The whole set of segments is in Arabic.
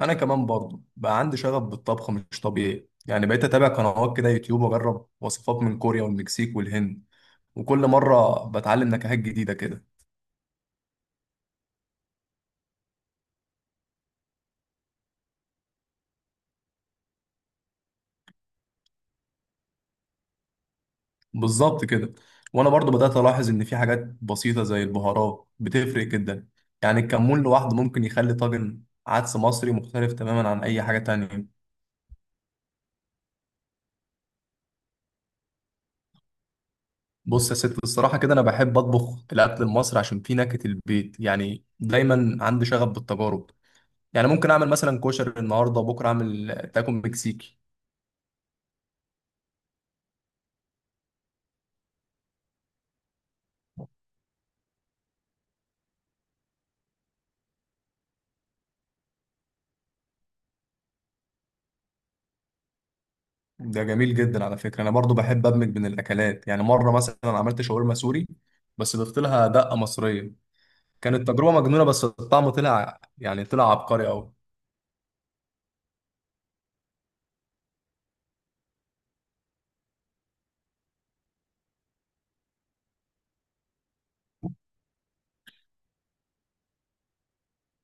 انا كمان برضه بقى عندي شغف بالطبخ مش طبيعي، يعني بقيت اتابع قنوات كده يوتيوب واجرب وصفات من كوريا والمكسيك والهند. وكل مره بتعلم نكهات جديده كده. بالظبط كده. وانا برضه بدات الاحظ ان في حاجات بسيطه زي البهارات بتفرق جدا. يعني الكمون لوحده ممكن يخلي طاجن عدس مصري مختلف تماما عن اي حاجه تانية. بص يا ست، الصراحه كده انا بحب اطبخ الاكل المصري عشان فيه نكهه البيت، يعني دايما عندي شغف بالتجارب. يعني ممكن اعمل مثلا كشري النهارده، بكره اعمل تاكو مكسيكي. ده جميل جدا على فكره، انا برضو بحب ادمج بين الاكلات. يعني مره مثلا عملت شاورما سوري بس ضفت لها دقه مصريه. كانت تجربه مجنونه، بس الطعم طلع، يعني طلع عبقري قوي.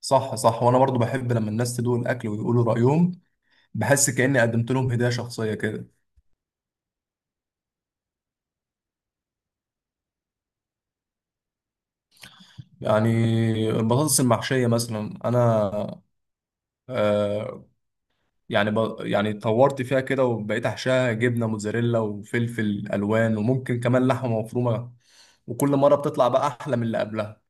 صح صح. وانا برضو بحب لما الناس تدوق الاكل ويقولوا رايهم. بحس كاني قدمت لهم هديه شخصيه كده. يعني البطاطس المحشيه مثلا انا آه، يعني يعني طورت فيها كده وبقيت احشاها جبنه موتزاريلا وفلفل الوان وممكن كمان لحمه مفرومه. وكل مره بتطلع بقى احلى من اللي قبلها.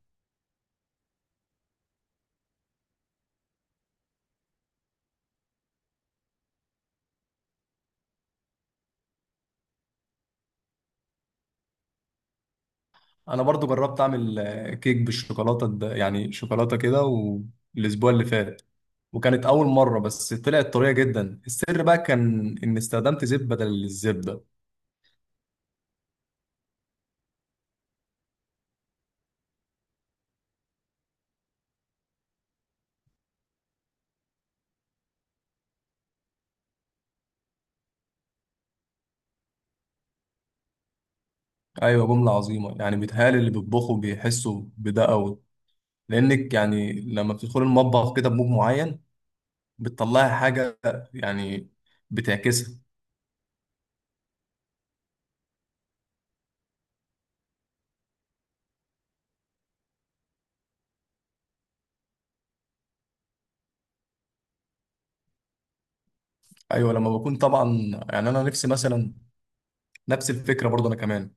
انا برضو جربت اعمل كيك بالشوكولاته يعني شوكولاته كده. والاسبوع اللي فات وكانت اول مره، بس طلعت طريه جدا. السر بقى كان ان استخدمت زيت بدل الزبده. ايوه، جمله عظيمه. يعني بيتهيألي اللي بيطبخوا بيحسوا بده قوي، لانك يعني لما بتدخل المطبخ كده بمود معين بتطلعي حاجة، يعني بتعكسها. أيوة لما بكون طبعا، يعني أنا نفسي مثلا، نفس الفكرة برضه أنا كمان.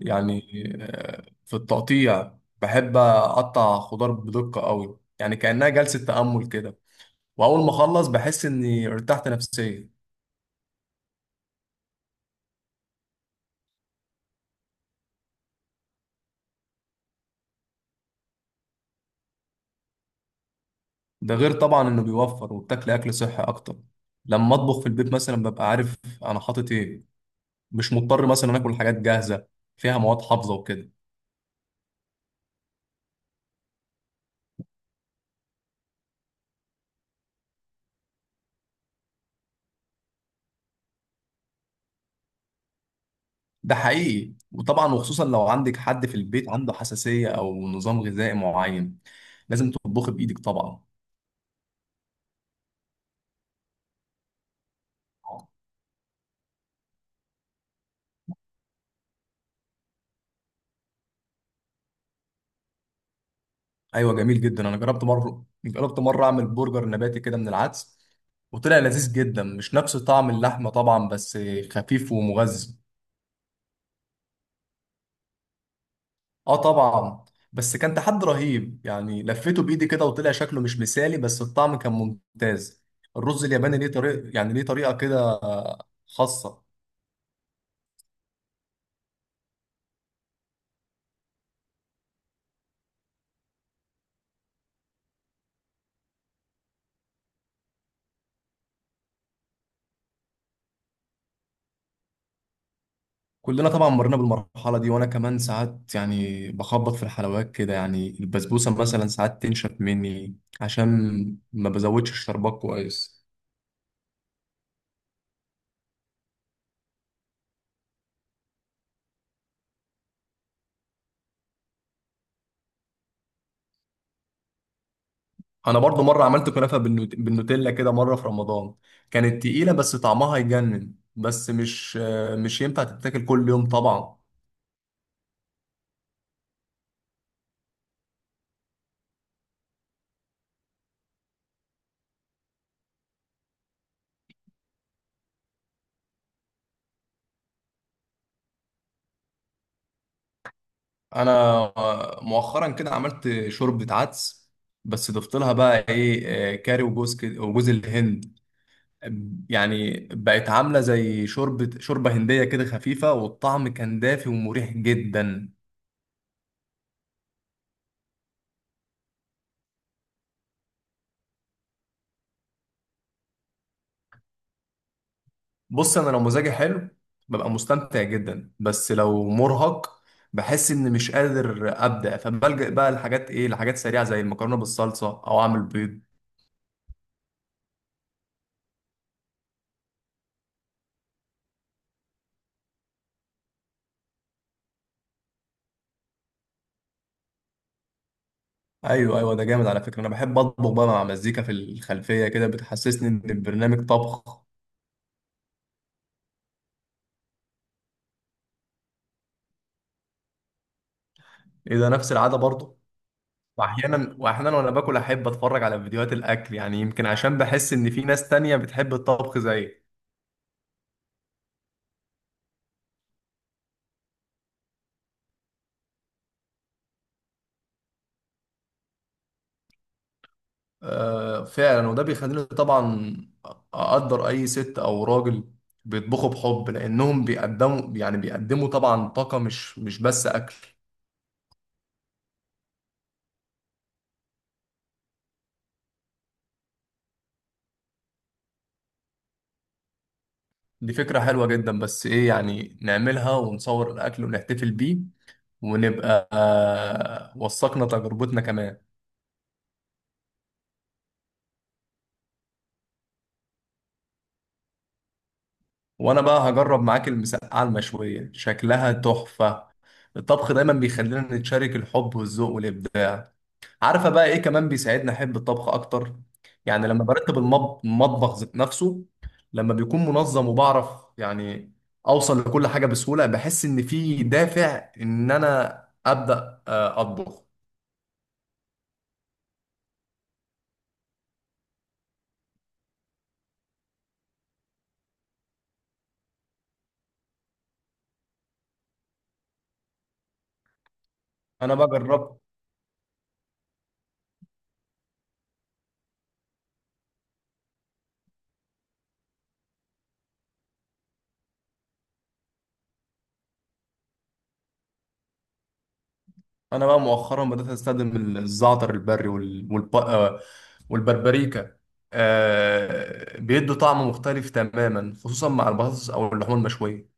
يعني في التقطيع بحب أقطع خضار بدقة قوي، يعني كأنها جلسة تأمل كده. وأول ما أخلص بحس إني ارتحت نفسيا. ده غير طبعا إنه بيوفر وبتاكل أكل صحي أكتر. لما أطبخ في البيت مثلا ببقى عارف أنا حاطط إيه، مش مضطر مثلا آكل حاجات جاهزة فيها مواد حافظة وكده. ده حقيقي، وطبعا وخصوصا لو عندك حد في البيت عنده حساسية او نظام غذائي معين، لازم تطبخي بايدك طبعا. ايوه، جميل جدا. انا جربت مره، جربت مره اعمل برجر نباتي كده من العدس وطلع لذيذ جدا. مش نفس طعم اللحمه طبعا بس خفيف ومغذي. اه طبعا. بس كان تحدي رهيب، يعني لفيته بايدي كده وطلع شكله مش مثالي، بس الطعم كان ممتاز. الرز الياباني ليه طريقه، يعني ليه طريقه كده خاصه. كلنا طبعا مرينا بالمرحلة دي. وأنا كمان ساعات يعني بخبط في الحلويات كده. يعني البسبوسة مثلا ساعات تنشف مني عشان ما بزودش الشربات كويس. أنا برضو مرة عملت كنافة بالنوتيلا كده مرة في رمضان. كانت تقيلة بس طعمها يجنن، بس مش ينفع تتاكل كل يوم طبعا. أنا مؤخرا كده عملت شوربة عدس، بس ضفت لها بقى إيه، كاري وجوز الهند. يعني بقت عاملة زي شوربة هندية كده خفيفة، والطعم كان دافي ومريح جدا. بص، أنا لو مزاجي حلو ببقى مستمتع جدا، بس لو مرهق بحس إني مش قادر أبدأ، فبلجأ بقى لحاجات إيه، لحاجات سريعة زي المكرونة بالصلصة أو أعمل بيض. أيوه أيوه، ده جامد على فكرة. أنا بحب أطبخ بقى مع مزيكا في الخلفية كده، بتحسسني إن البرنامج طبخ. إيه ده، نفس العادة برضه. واحيانا، وانا باكل احب اتفرج على فيديوهات الاكل، يعني يمكن عشان بحس ان في ناس تانية بتحب الطبخ زيي. آه فعلا. وده بيخليني طبعا اقدر اي ست او راجل بيطبخوا، بحب لانهم بيقدموا، يعني بيقدموا طبعا طاقة، مش بس اكل. دي فكرة حلوة جدا. بس ايه، يعني نعملها ونصور الاكل ونحتفل بيه ونبقى آه وثقنا تجربتنا كمان. وانا بقى هجرب معاك المسقعه المشويه، شكلها تحفه. الطبخ دايما بيخلينا نتشارك الحب والذوق والابداع. عارفه بقى ايه كمان بيساعدني احب الطبخ اكتر؟ يعني لما برتب المطبخ ذات نفسه، لما بيكون منظم وبعرف يعني اوصل لكل حاجه بسهوله، بحس ان في دافع ان انا ابدا اطبخ. انا بقى جربت. انا بقى مؤخرا بدأت استخدم الزعتر البري والبربريكا. بيدوا طعم مختلف تماما، خصوصا مع البطاطس او اللحوم المشوية.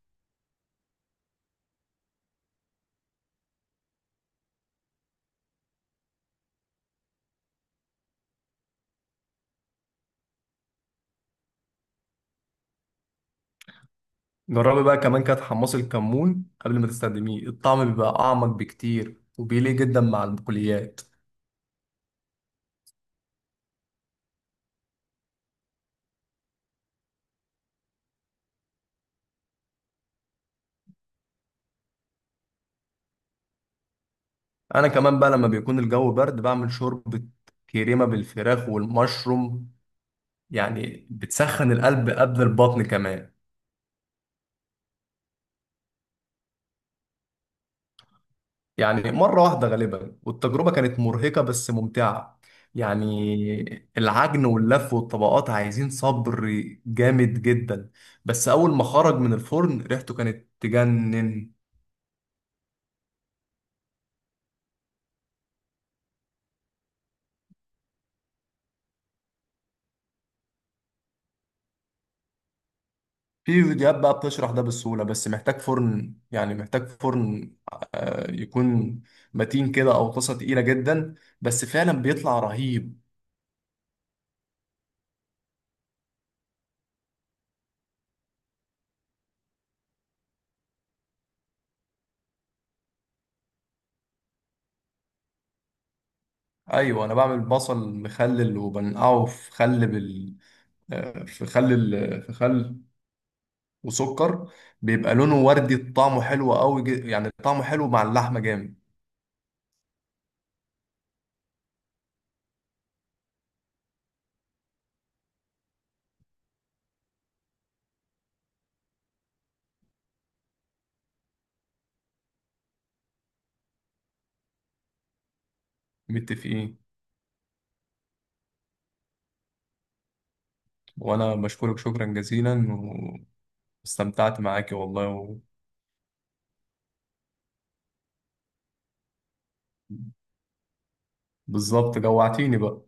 جربي بقى كمان كده تحمصي الكمون قبل ما تستخدميه، الطعم بيبقى اعمق بكتير وبيليق جدا مع البقوليات. انا كمان بقى لما بيكون الجو برد بعمل شوربة كريمة بالفراخ والمشروم، يعني بتسخن القلب قبل البطن كمان. يعني مرة واحدة غالبا، والتجربة كانت مرهقة بس ممتعة. يعني العجن واللف والطبقات عايزين صبر جامد جدا، بس أول ما خرج من الفرن ريحته كانت تجنن. في فيديوهات بقى بتشرح ده بسهولة، بس محتاج فرن، يعني محتاج فرن يكون متين كده أو طاسة تقيلة جدا، بس فعلا بيطلع رهيب. أيوة، أنا بعمل بصل مخلل وبنقعه في خل بال آه، في خل ال... في خل وسكر. بيبقى لونه وردي، طعمه حلو قوي، يعني طعمه حلو مع اللحمة جامد. متفقين. وانا بشكرك شكرا جزيلا، واستمتعت معاكي والله بالظبط، جوعتيني بقى.